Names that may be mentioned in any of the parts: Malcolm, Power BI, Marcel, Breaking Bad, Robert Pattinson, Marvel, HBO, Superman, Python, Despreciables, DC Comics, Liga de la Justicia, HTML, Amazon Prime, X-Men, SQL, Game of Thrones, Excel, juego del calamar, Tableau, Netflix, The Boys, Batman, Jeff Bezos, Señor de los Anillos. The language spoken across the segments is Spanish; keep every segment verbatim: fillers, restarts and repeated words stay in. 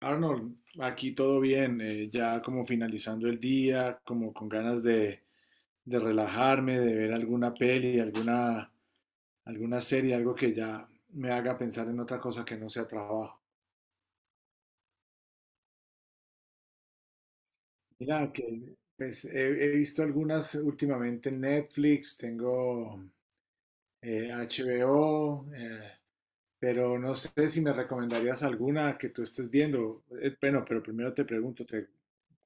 Arnold, aquí todo bien, eh, ya como finalizando el día, como con ganas de, de relajarme, de ver alguna peli, alguna, alguna serie, algo que ya me haga pensar en otra cosa que no sea trabajo. Mira, que pues, he, he visto algunas últimamente en Netflix, tengo eh, H B O, eh, pero no sé si me recomendarías alguna que tú estés viendo. Eh, bueno, pero primero te pregunto, ¿te,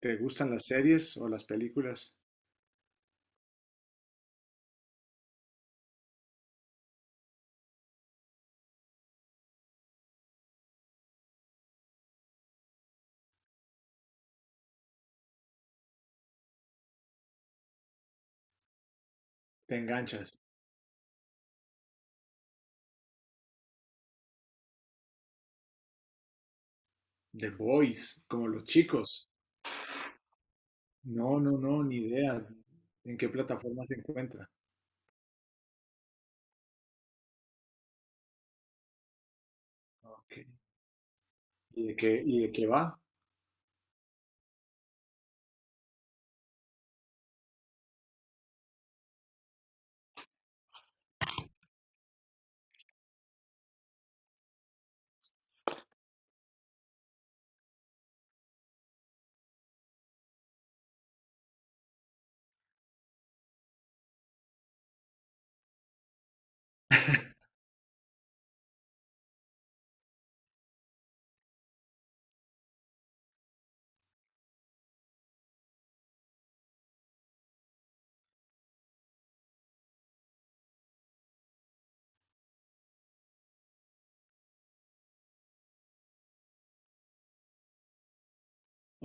te gustan las series o las películas? ¿Te enganchas? The Boys, como los chicos. No, no, no, ni idea en qué plataforma se encuentra. Ok. ¿Y de qué, y de qué va?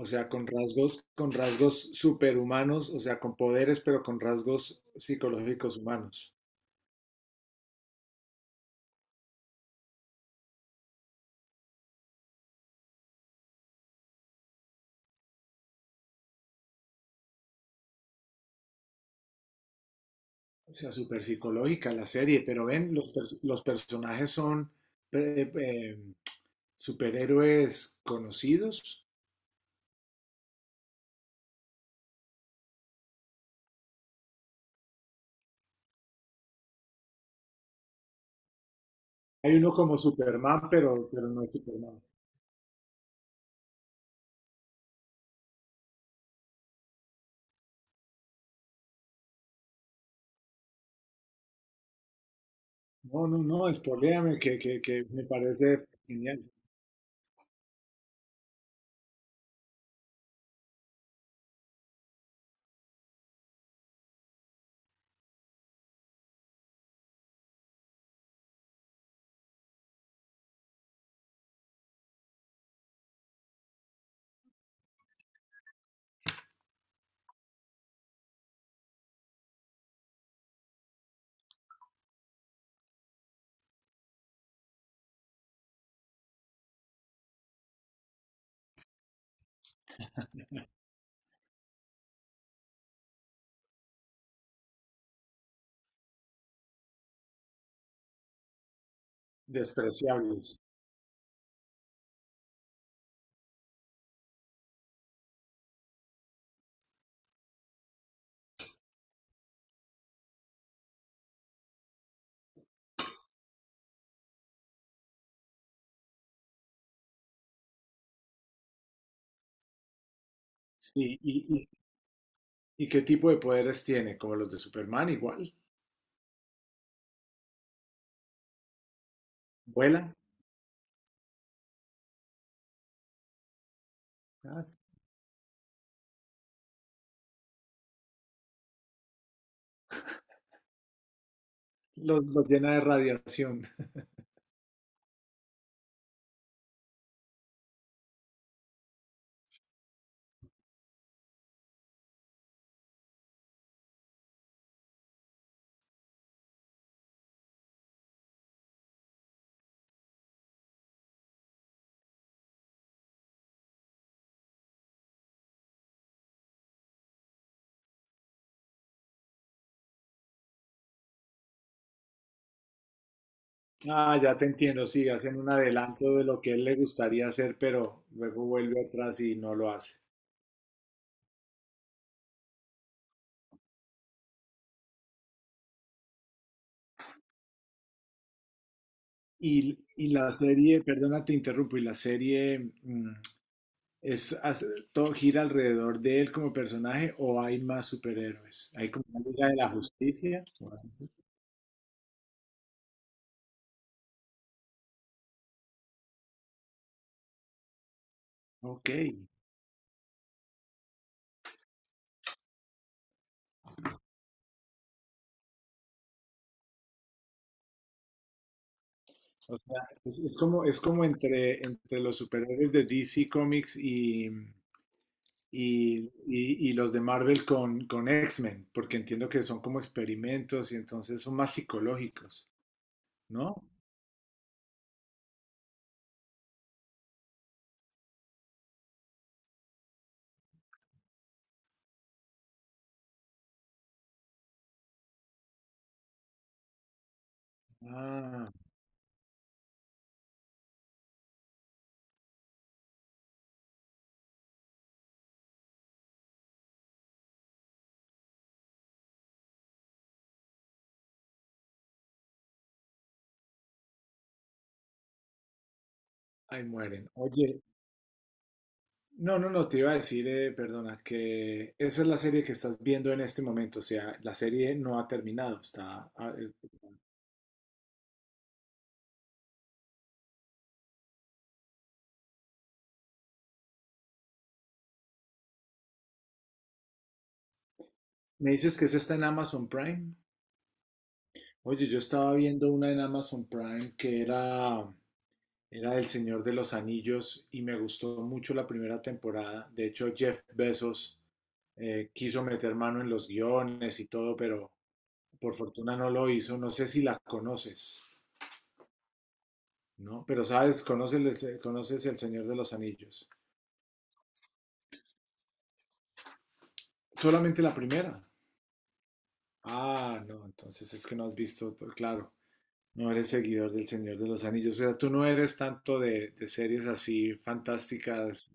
O sea, con rasgos, con rasgos superhumanos, o sea, con poderes, pero con rasgos psicológicos humanos. O sea, super psicológica la serie, pero ven, los, pers- los personajes son eh, eh, superhéroes conocidos. Hay uno como Superman, pero, pero no es Superman. No, no, no, spoiléame, que, que, que me parece genial. Despreciables. Sí, y, y, y ¿qué tipo de poderes tiene? Como los de Superman, igual. Vuela. ah, s- Los, los llena de radiación. Ah, ya te entiendo, sí, hacen un adelanto de lo que a él le gustaría hacer, pero luego vuelve atrás y no lo hace. Y, y la serie, perdona, te interrumpo, y la serie mm, es, hace- todo gira alrededor de él como personaje o hay más superhéroes. Hay como una Liga de la Justicia. Ok. O sea, es, es como, es como entre, entre los superhéroes de D C Comics y, y- y- y los de Marvel con, con X-Men, porque entiendo que son como experimentos y entonces son más psicológicos, ¿no? Ah, ahí mueren. Oye, no, no, no, te iba a decir, eh, perdona, que esa es la serie que estás viendo en este momento, o sea, la serie no ha terminado, está... ah, eh, me dices que esa está en Amazon Prime. Oye, yo estaba viendo una en Amazon Prime que era... era del Señor de los Anillos y me gustó mucho la primera temporada. De hecho, Jeff Bezos eh, quiso meter mano en los guiones y todo, pero por fortuna no lo hizo. No sé si la conoces, ¿no? Pero sabes, conoces, conoces El Señor de los Anillos. Solamente la primera. Ah, no, entonces es que no has visto todo. Claro. No eres seguidor del Señor de los Anillos. O sea, tú no eres tanto de, de series así fantásticas.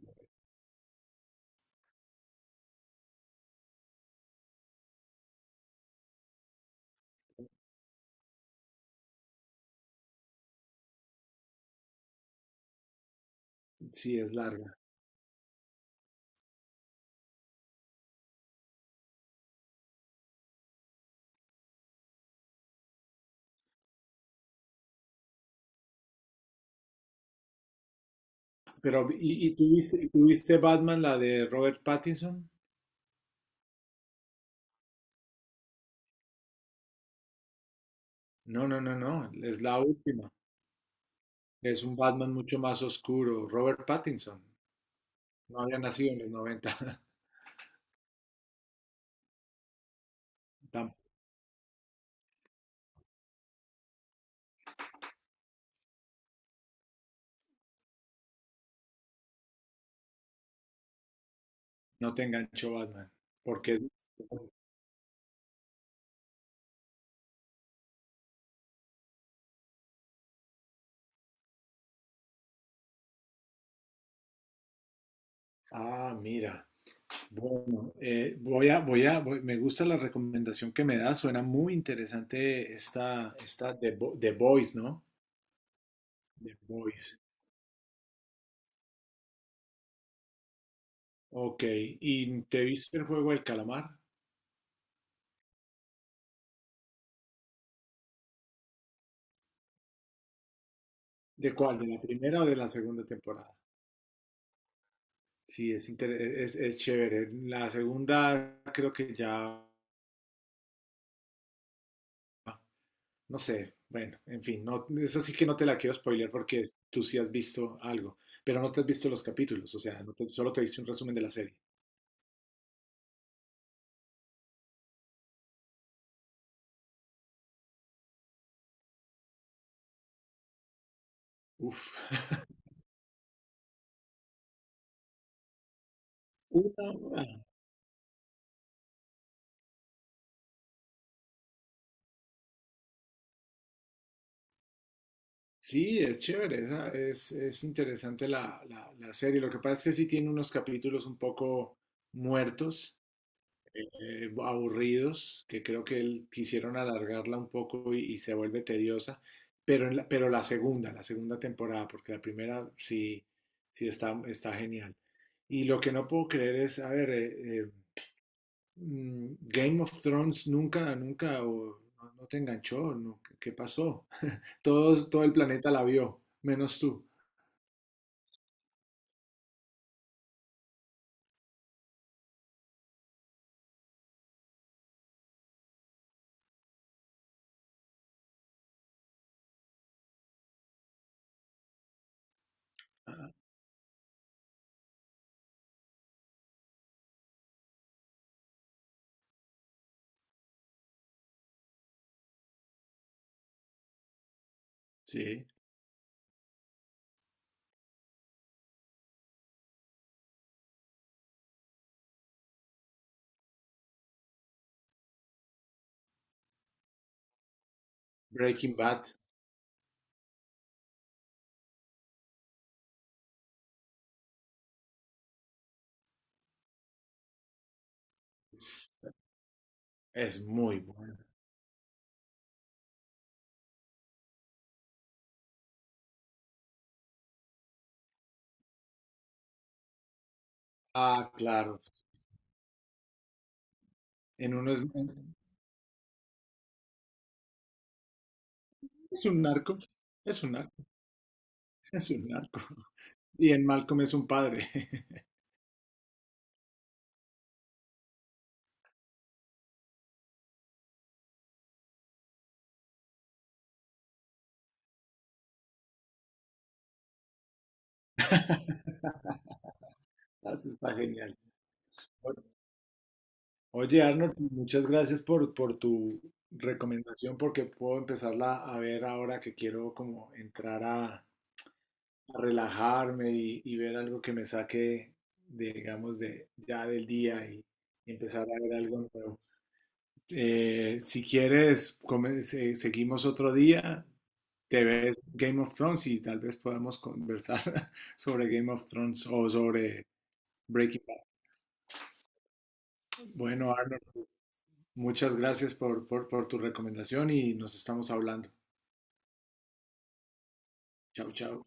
Sí, es larga. Pero, ¿y, y tuviste, tuviste Batman, la de Robert Pattinson? No, no, no, no, es la última. Es un Batman mucho más oscuro. Robert Pattinson no había nacido en los noventa. Tam- No te enganchó Batman. Porque es... Ah, mira. Bueno, eh, voy a, voy a, voy- me gusta la recomendación que me da. Suena muy interesante esta, esta The, Bo- The Boys, ¿no? The Boys. Ok. ¿Y te viste el juego del calamar? ¿De cuál? ¿De la primera o de la segunda temporada? Sí, es, inter- es, es chévere. La segunda creo que ya, no sé, bueno, en fin, no, esa sí que no te la quiero spoiler porque tú sí has visto algo, pero no te has visto los capítulos, o sea, no te- solo te hice un resumen de la serie. Uf. Una hora. Sí, es chévere, esa- es, es interesante la, la, la serie. Lo que pasa es que sí tiene unos capítulos un poco muertos, eh, aburridos, que creo que el- quisieron alargarla un poco y, y se vuelve tediosa, pero, en la, pero la segunda, la segunda temporada, porque la primera sí, sí está, está genial. Y lo que no puedo creer es, a ver, eh, eh, mm, Game of Thrones nunca, nunca, o no, no te enganchó, no, ¿qué qué pasó? Todos, todo el planeta la vio, menos tú. Sí, Breaking Bad es muy bueno. Ah, claro. En uno es, es un narco, es un narco. Es un narco. Y en Malcolm es un padre. Ah, eso está genial. Bueno, oye, Arnold, muchas gracias por, por tu recomendación, porque puedo empezarla a ver ahora que quiero como entrar a, a relajarme y, y ver algo que me saque, de, digamos, de, ya del día y, y empezar a ver algo nuevo. Eh, si quieres, come- se- seguimos otro día, te ves Game of Thrones y tal vez podamos conversar sobre Game of Thrones o sobre Breaking Bad. Bueno, Arnold, muchas gracias por, por, por tu recomendación y nos estamos hablando. Chao, chao.